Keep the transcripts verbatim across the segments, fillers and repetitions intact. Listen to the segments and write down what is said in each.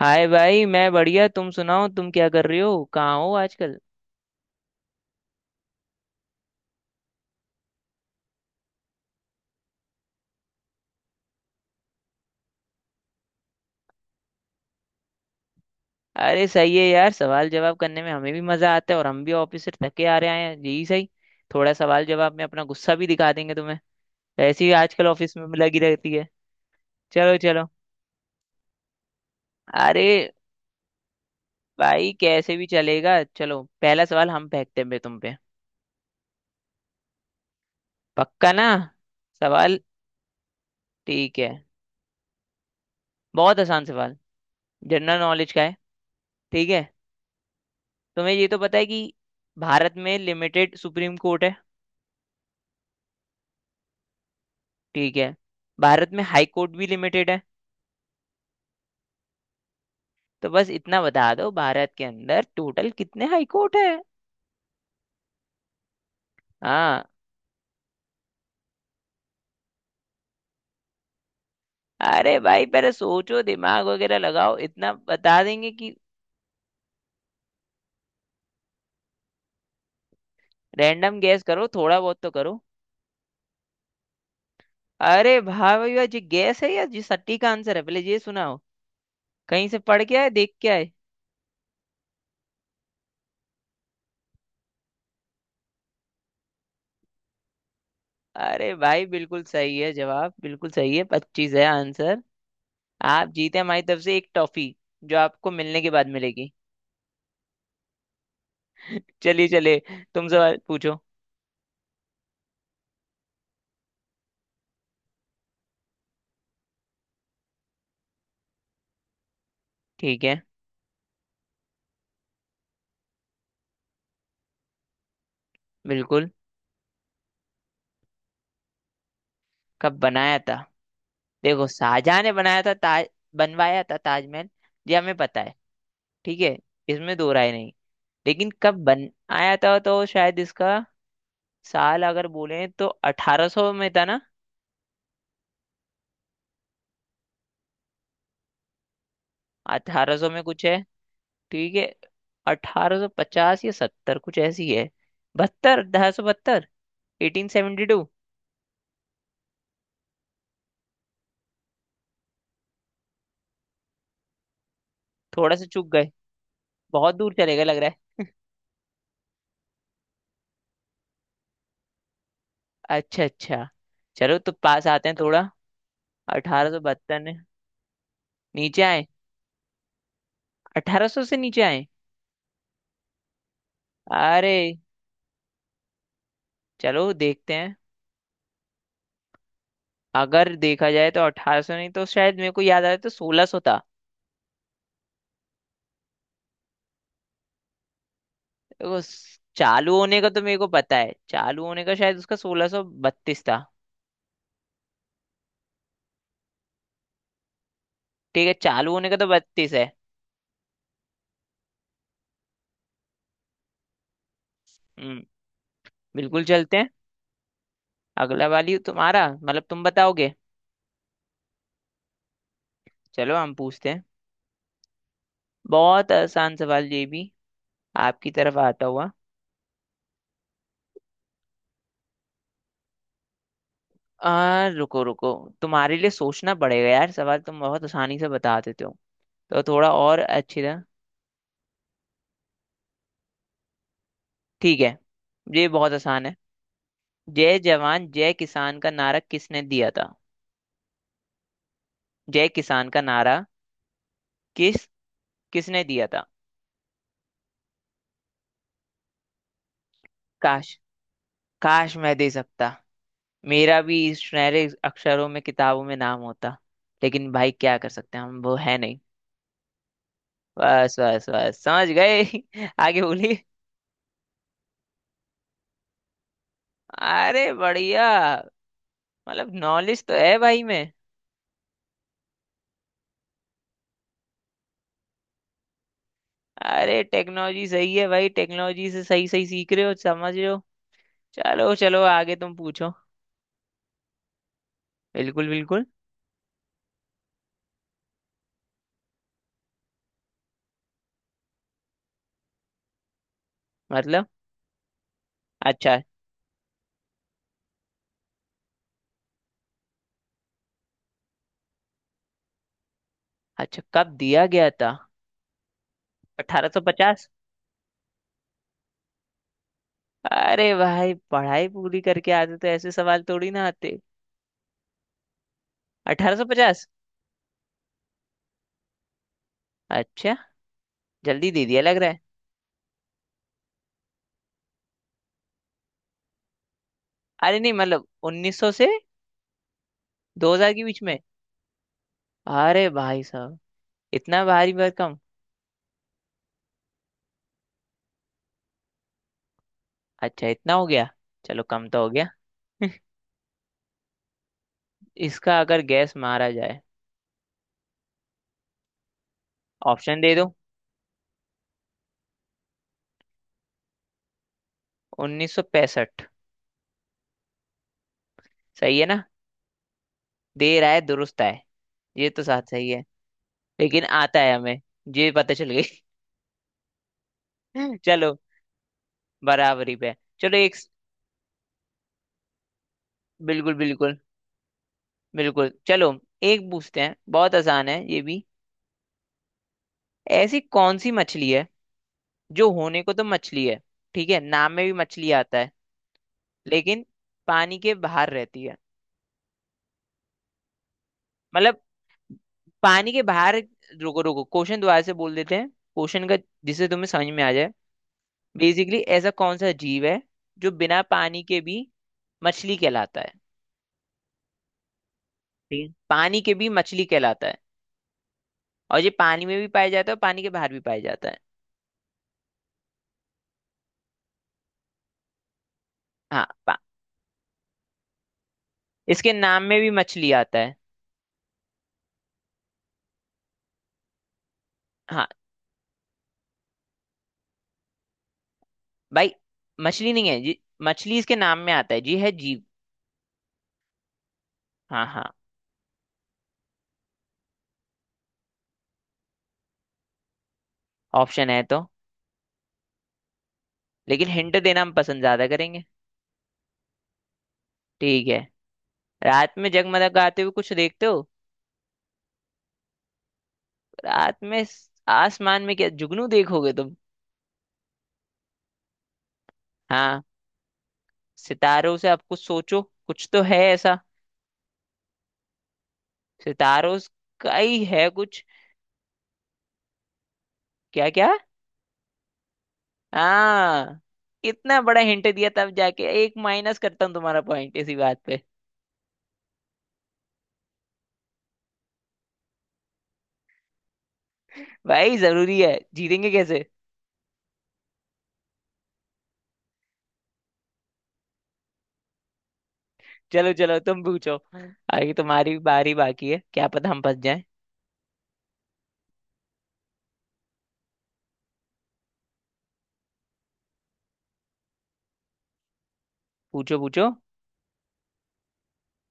हाय भाई, मैं बढ़िया। तुम सुनाओ, तुम क्या कर रहे हो, कहाँ हो आजकल। अरे सही है यार, सवाल जवाब करने में हमें भी मजा आता है, और हम भी ऑफिस से थके आ रहे हैं, यही सही। थोड़ा सवाल जवाब में अपना गुस्सा भी दिखा देंगे तुम्हें, वैसे ही आजकल ऑफिस में लगी रहती है। चलो चलो। अरे भाई, कैसे भी चलेगा। चलो, पहला सवाल हम फेंकते हैं बे तुम पे। पक्का ना? सवाल। ठीक है। बहुत आसान सवाल, जनरल नॉलेज का है। ठीक है। तुम्हें ये तो पता है कि भारत में लिमिटेड सुप्रीम कोर्ट है। ठीक है। भारत में हाई कोर्ट भी लिमिटेड है। तो बस इतना बता दो, भारत के अंदर टोटल कितने हाई कोर्ट है। हाँ। अरे भाई, पहले सोचो, दिमाग वगैरह लगाओ, इतना बता देंगे कि। रैंडम गैस करो, थोड़ा बहुत तो करो। अरे भाई भाई भाई, ये गैस है या जी सट्टी का आंसर है, पहले ये सुनाओ। कहीं से पढ़ के आए, देख के आए? अरे भाई बिल्कुल सही है, जवाब बिल्कुल सही है, पच्चीस है आंसर। आप जीते हमारी तरफ से एक टॉफी, जो आपको मिलने के बाद मिलेगी। चलिए चलिए। तुम सवाल पूछो। ठीक है। बिल्कुल। कब बनाया था। देखो, शाहजहां ने बनाया था ताज, बनवाया था ताजमहल, ये हमें पता है। ठीक है। इसमें दो राय नहीं। लेकिन कब बनाया था तो शायद इसका साल अगर बोले तो अठारह सौ में था ना। अठारह सौ में कुछ है। ठीक है। अठारह सौ पचास या सत्तर कुछ ऐसी है। बहत्तर, अठारह सौ बहत्तर। अठारह सौ बहत्तर थोड़ा सा चूक गए। बहुत दूर चले गए लग रहा है। अच्छा अच्छा। चलो, तो पास आते हैं थोड़ा। अठारह सौ बहत्तर में नीचे आए। अठारह सौ से नीचे आए। अरे चलो देखते हैं। अगर देखा जाए तो अठारह सौ नहीं, तो शायद मेरे को याद आ रहा है तो सोलह सौ था। देखो, स- चालू होने का तो मेरे को पता है। चालू होने का शायद उसका सोलह सौ बत्तीस था। ठीक है, चालू होने का तो बत्तीस है। हम्म, बिल्कुल, चलते हैं। अगला वाली तुम्हारा, मतलब तुम बताओगे। चलो हम पूछते हैं। बहुत आसान सवाल ये भी, आपकी तरफ आता हुआ। आ, रुको रुको। तुम्हारे लिए सोचना पड़ेगा यार, सवाल तुम बहुत आसानी से बता देते हो, तो थोड़ा और अच्छी तरह। ठीक है, ये बहुत आसान है। जय जवान जय किसान का नारा किसने दिया था। जय किसान का नारा, किस किसने दिया था। काश, काश मैं दे सकता। मेरा भी इस सुनहरे अक्षरों में किताबों में नाम होता, लेकिन भाई क्या कर सकते हैं, हम वो है नहीं। बस बस बस, समझ गए। आगे बोलिए। अरे बढ़िया, मतलब नॉलेज तो है भाई में। अरे टेक्नोलॉजी सही है भाई, टेक्नोलॉजी से सही सही सीख रहे हो, समझ रहे हो। चलो चलो, आगे तुम पूछो। बिल्कुल बिल्कुल। मतलब। अच्छा, अच्छा कब दिया गया था। अठारह सौ पचास। अरे भाई, पढ़ाई पूरी करके आते तो ऐसे सवाल थोड़ी ना आते। अठारह सौ पचास। अच्छा, जल्दी दे दिया लग रहा है। अरे नहीं, मतलब उन्नीस सौ से दो हज़ार के बीच में। अरे भाई साहब, इतना भारी भरकम। अच्छा, इतना हो गया, चलो कम तो हो गया। इसका अगर गैस मारा जाए। ऑप्शन दे दो। उन्नीस सौ पैंसठ। सही है ना। देर आए दुरुस्त आए। ये तो साथ सही है, लेकिन आता है हमें। ये पता चल गई। चलो बराबरी पे। चलो एक। बिल्कुल बिल्कुल। बिल्कुल चलो। एक पूछते हैं, बहुत आसान है ये भी। ऐसी कौन सी मछली है, जो होने को तो मछली है, ठीक है, नाम में भी मछली आता है, लेकिन पानी के बाहर रहती है। मतलब, पानी के बाहर। रुको रुको, क्वेश्चन दोबारा से बोल देते हैं, क्वेश्चन का, जिससे तुम्हें समझ में आ जाए। बेसिकली ऐसा कौन सा जीव है जो बिना पानी के भी मछली कहलाता है। ठीक है, पानी के भी मछली कहलाता है, और ये पानी में भी पाया जाता है और पानी के बाहर भी पाया जाता है। हाँ पा- इसके नाम में भी मछली आता है। हाँ भाई, मछली नहीं है जी, मछली इसके नाम में आता है जी, है जीव। हाँ हाँ। ऑप्शन है तो, लेकिन हिंट देना हम पसंद ज्यादा करेंगे। ठीक है। रात में जगमग गाते हुए कुछ देखते हो। रात में स- आसमान में क्या जुगनू देखोगे तुम। हाँ, सितारों से आप कुछ सोचो, कुछ तो है ऐसा। सितारों स- का ही है कुछ। क्या क्या। हाँ। इतना बड़ा हिंट दिया तब जाके एक माइनस करता हूँ तुम्हारा पॉइंट इसी बात पे। भाई जरूरी है, जीतेंगे कैसे। चलो चलो तुम पूछो। आगे तुम्हारी बारी बाकी है, क्या पता हम फंस जाएं। पूछो पूछो।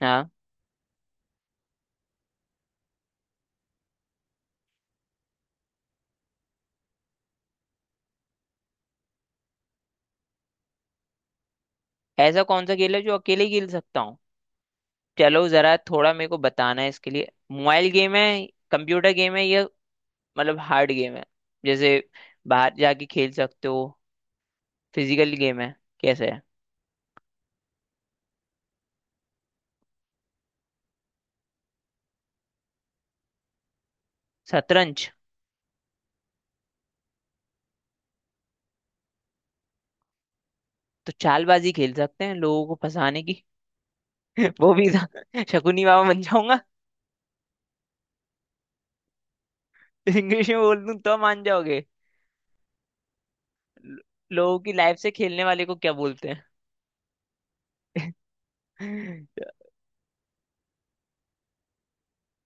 हाँ। ऐसा कौन सा खेल है जो अकेले ही खेल सकता हूँ। चलो जरा, थोड़ा मेरे को बताना है इसके लिए, मोबाइल गेम है, कंप्यूटर गेम है, या मतलब हार्ड गेम है, जैसे बाहर जाके खेल सकते हो, फिजिकल गेम है, कैसे है। शतरंज। तो चालबाजी खेल सकते हैं लोगों को फंसाने की। वो भी था। शकुनी बाबा बन जाऊंगा। इंग्लिश में बोल दूं तो मान जाओगे। लोगों की लाइफ से खेलने वाले को क्या बोलते हैं।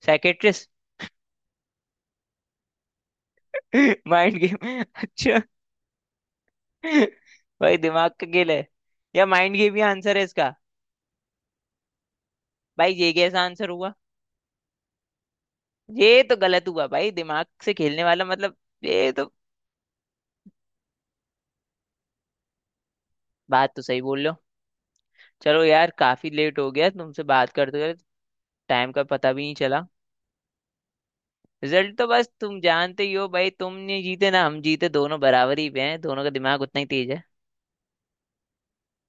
साइकेट्रिस्ट। Mind game. अच्छा, भाई दिमाग का खेल है, या माइंड गेम ही आंसर है इसका। भाई ये कैसा आंसर हुआ, ये तो गलत हुआ भाई, दिमाग से खेलने वाला मतलब, ये तो। बात तो सही बोल रहे हो। चलो यार, काफी लेट हो गया तुमसे बात करते हुए, टाइम का पता भी नहीं चला। रिजल्ट तो बस तुम जानते ही हो भाई, तुम नहीं जीते ना, हम जीते, दोनों बराबर ही पे हैं, दोनों का दिमाग उतना ही तेज है।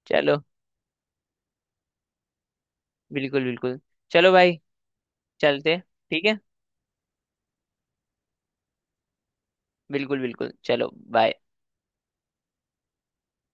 चलो, बिल्कुल बिल्कुल। चलो भाई, चलते। ठीक है, बिल्कुल बिल्कुल चलो। बाय।